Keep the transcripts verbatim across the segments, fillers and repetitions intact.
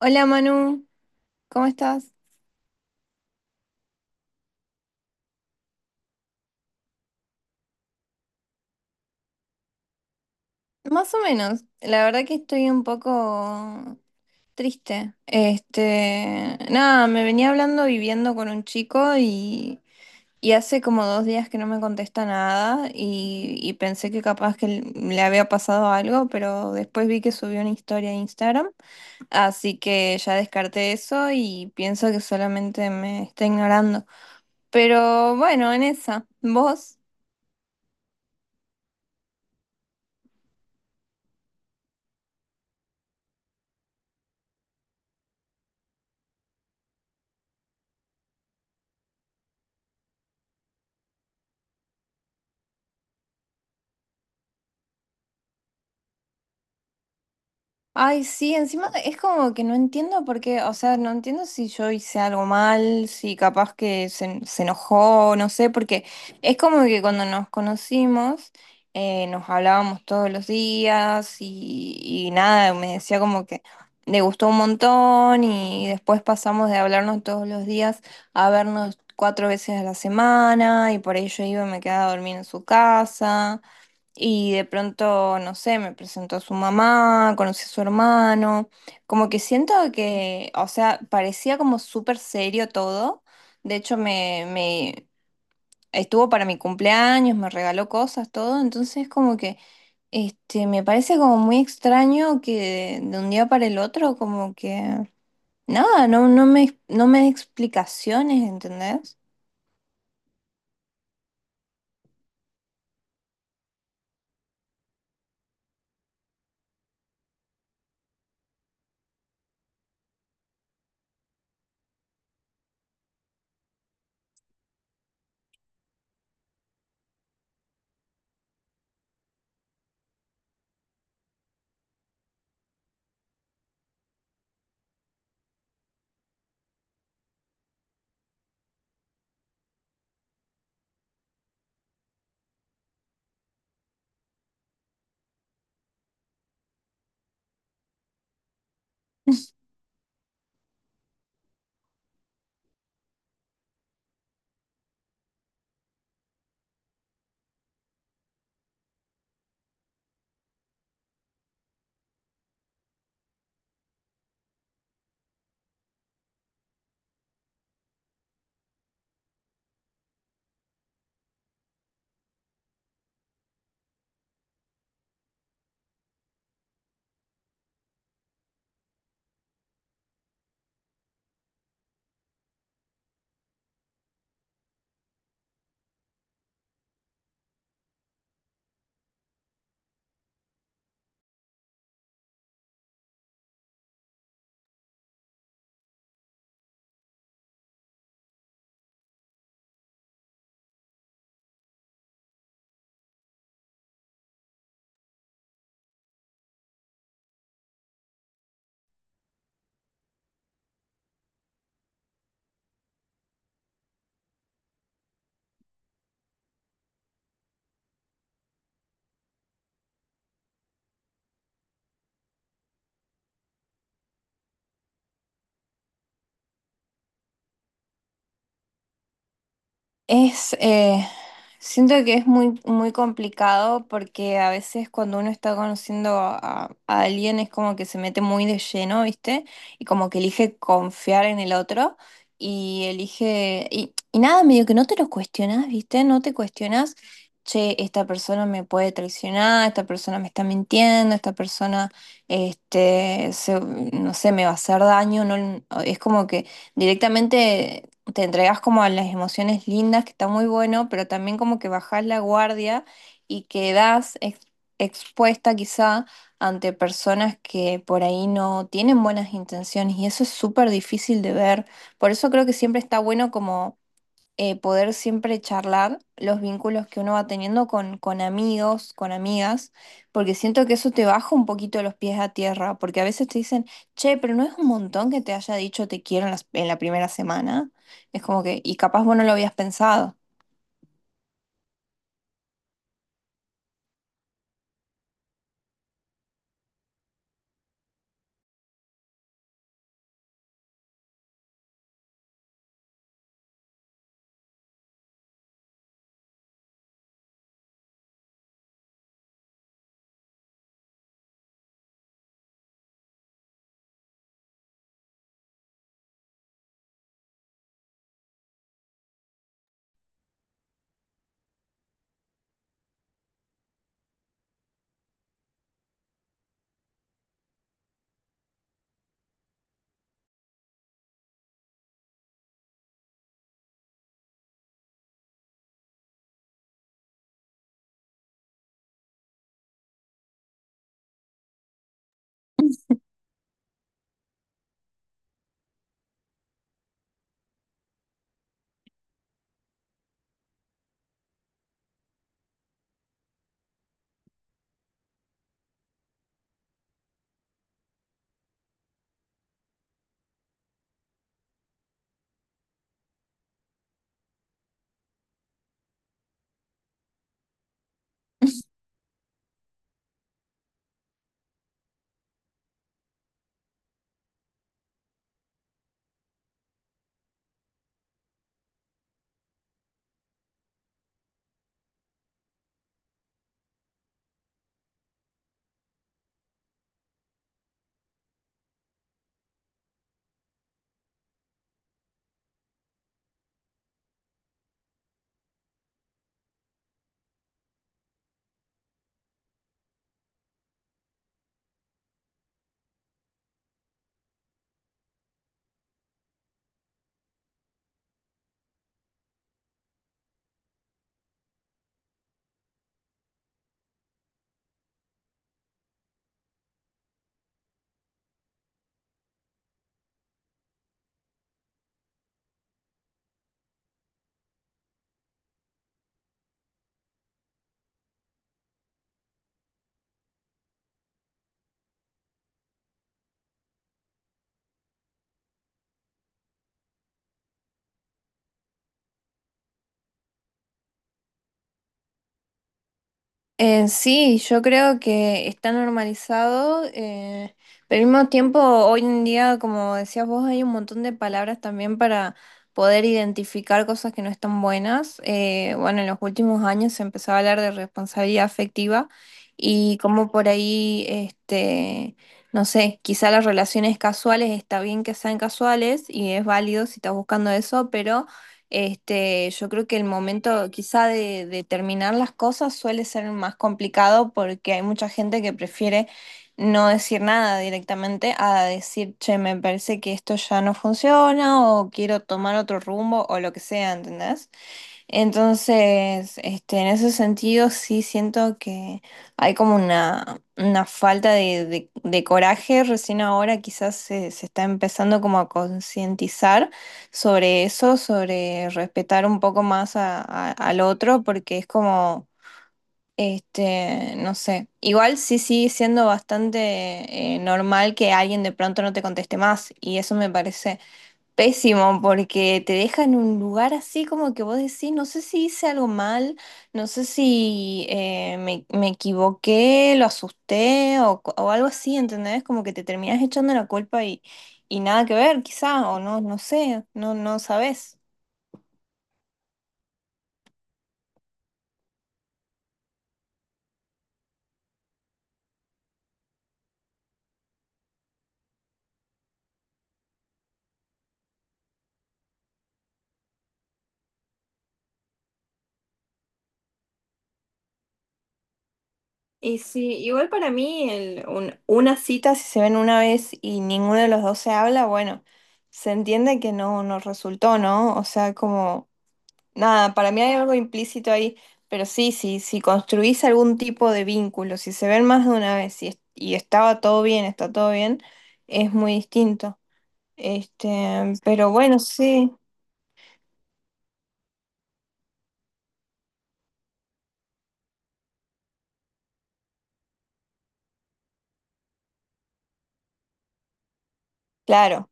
Hola Manu, ¿cómo estás? Más o menos, la verdad que estoy un poco triste. Este, nada, me venía hablando viviendo con un chico y, y hace como dos días que no me contesta nada y, y pensé que capaz que le había pasado algo, pero después vi que subió una historia a Instagram, así que ya descarté eso y pienso que solamente me está ignorando. Pero bueno, en esa, ¿vos? Ay, sí, encima es como que no entiendo por qué, o sea, no entiendo si yo hice algo mal, si capaz que se, se enojó, no sé, porque es como que cuando nos conocimos eh, nos hablábamos todos los días y, y nada, me decía como que le gustó un montón y después pasamos de hablarnos todos los días a vernos cuatro veces a la semana y por ello iba y me quedaba a dormir en su casa. Y de pronto, no sé, me presentó a su mamá, conocí a su hermano, como que siento que, o sea, parecía como súper serio todo. De hecho, me, me estuvo para mi cumpleaños, me regaló cosas, todo. Entonces, como que, este, me parece como muy extraño que de, un día para el otro, como que, nada, no, no me, no me da explicaciones, ¿entendés? Es, eh, siento que es muy, muy complicado porque a veces cuando uno está conociendo a, a alguien es como que se mete muy de lleno, ¿viste? Y como que elige confiar en el otro y elige, y, y nada, medio que no te lo cuestionas, ¿viste? No te cuestionas, che, esta persona me puede traicionar, esta persona me está mintiendo, esta persona, este, se- no sé, me va a hacer daño, no, es como que directamente te entregas como a las emociones lindas, que está muy bueno, pero también como que bajás la guardia y quedás ex- expuesta quizá ante personas que por ahí no tienen buenas intenciones y eso es súper difícil de ver. Por eso creo que siempre está bueno como eh, poder siempre charlar los vínculos que uno va teniendo con, con amigos, con amigas, porque siento que eso te baja un poquito los pies a tierra, porque a veces te dicen, che, pero no es un montón que te haya dicho te quiero en las- en la primera semana. Es como que, y capaz vos no lo habías pensado. Eh, sí, yo creo que está normalizado, eh, pero al mismo tiempo, hoy en día, como decías vos, hay un montón de palabras también para poder identificar cosas que no están buenas. Eh, bueno, en los últimos años se empezó a hablar de responsabilidad afectiva y como por ahí, este, no sé, quizá las relaciones casuales está bien que sean casuales y es válido si estás buscando eso, pero este, yo creo que el momento quizá de, de terminar las cosas suele ser más complicado porque hay mucha gente que prefiere no decir nada directamente a decir, che, me parece que esto ya no funciona o quiero tomar otro rumbo o lo que sea, ¿entendés? Entonces, este, en ese sentido sí siento que hay como una, una falta de, de- de coraje. Recién ahora quizás se, se está empezando como a concientizar sobre eso, sobre respetar un poco más a- a- al otro, porque es como, este, no sé, igual sí sigue siendo bastante eh, normal que alguien de pronto no te conteste más y eso me parece pésimo, porque te deja en un lugar así como que vos decís, no sé si hice algo mal, no sé si eh, me, me equivoqué, lo asusté o, co- o algo así, ¿entendés? Como que te terminás echando la culpa y, y nada que ver, quizá, o no, no sé, no, no sabés. Y sí, igual para mí el, un- una cita, si se ven una vez y ninguno de los dos se habla, bueno, se entiende que no, no resultó, ¿no? O sea, como... nada, para mí hay algo implícito ahí, pero sí, sí, si construís algún tipo de vínculo, si se ven más de una vez y, es- y estaba todo bien, está todo bien, es muy distinto. Este, pero bueno, sí, claro.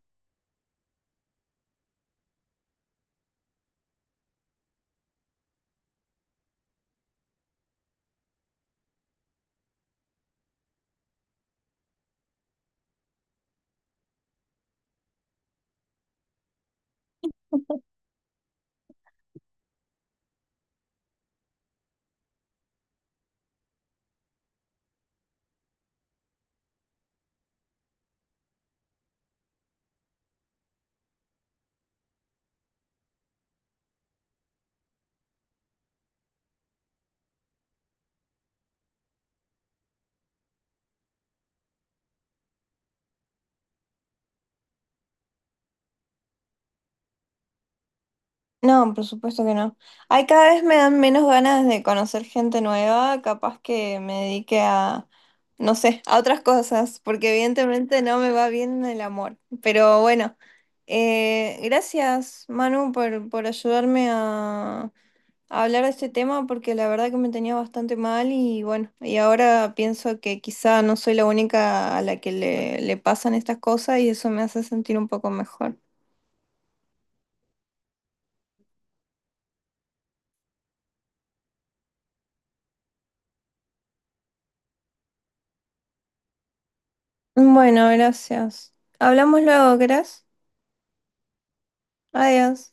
No, por supuesto que no. Ay, cada vez me dan menos ganas de conocer gente nueva, capaz que me dedique a, no sé, a otras cosas, porque evidentemente no me va bien el amor. Pero bueno, eh, gracias, Manu, por, por ayudarme a hablar de este tema porque la verdad que me tenía bastante mal y bueno, y ahora pienso que quizá no soy la única a la que le, le pasan estas cosas y eso me hace sentir un poco mejor. Bueno, gracias. Hablamos luego, ¿querés? Adiós.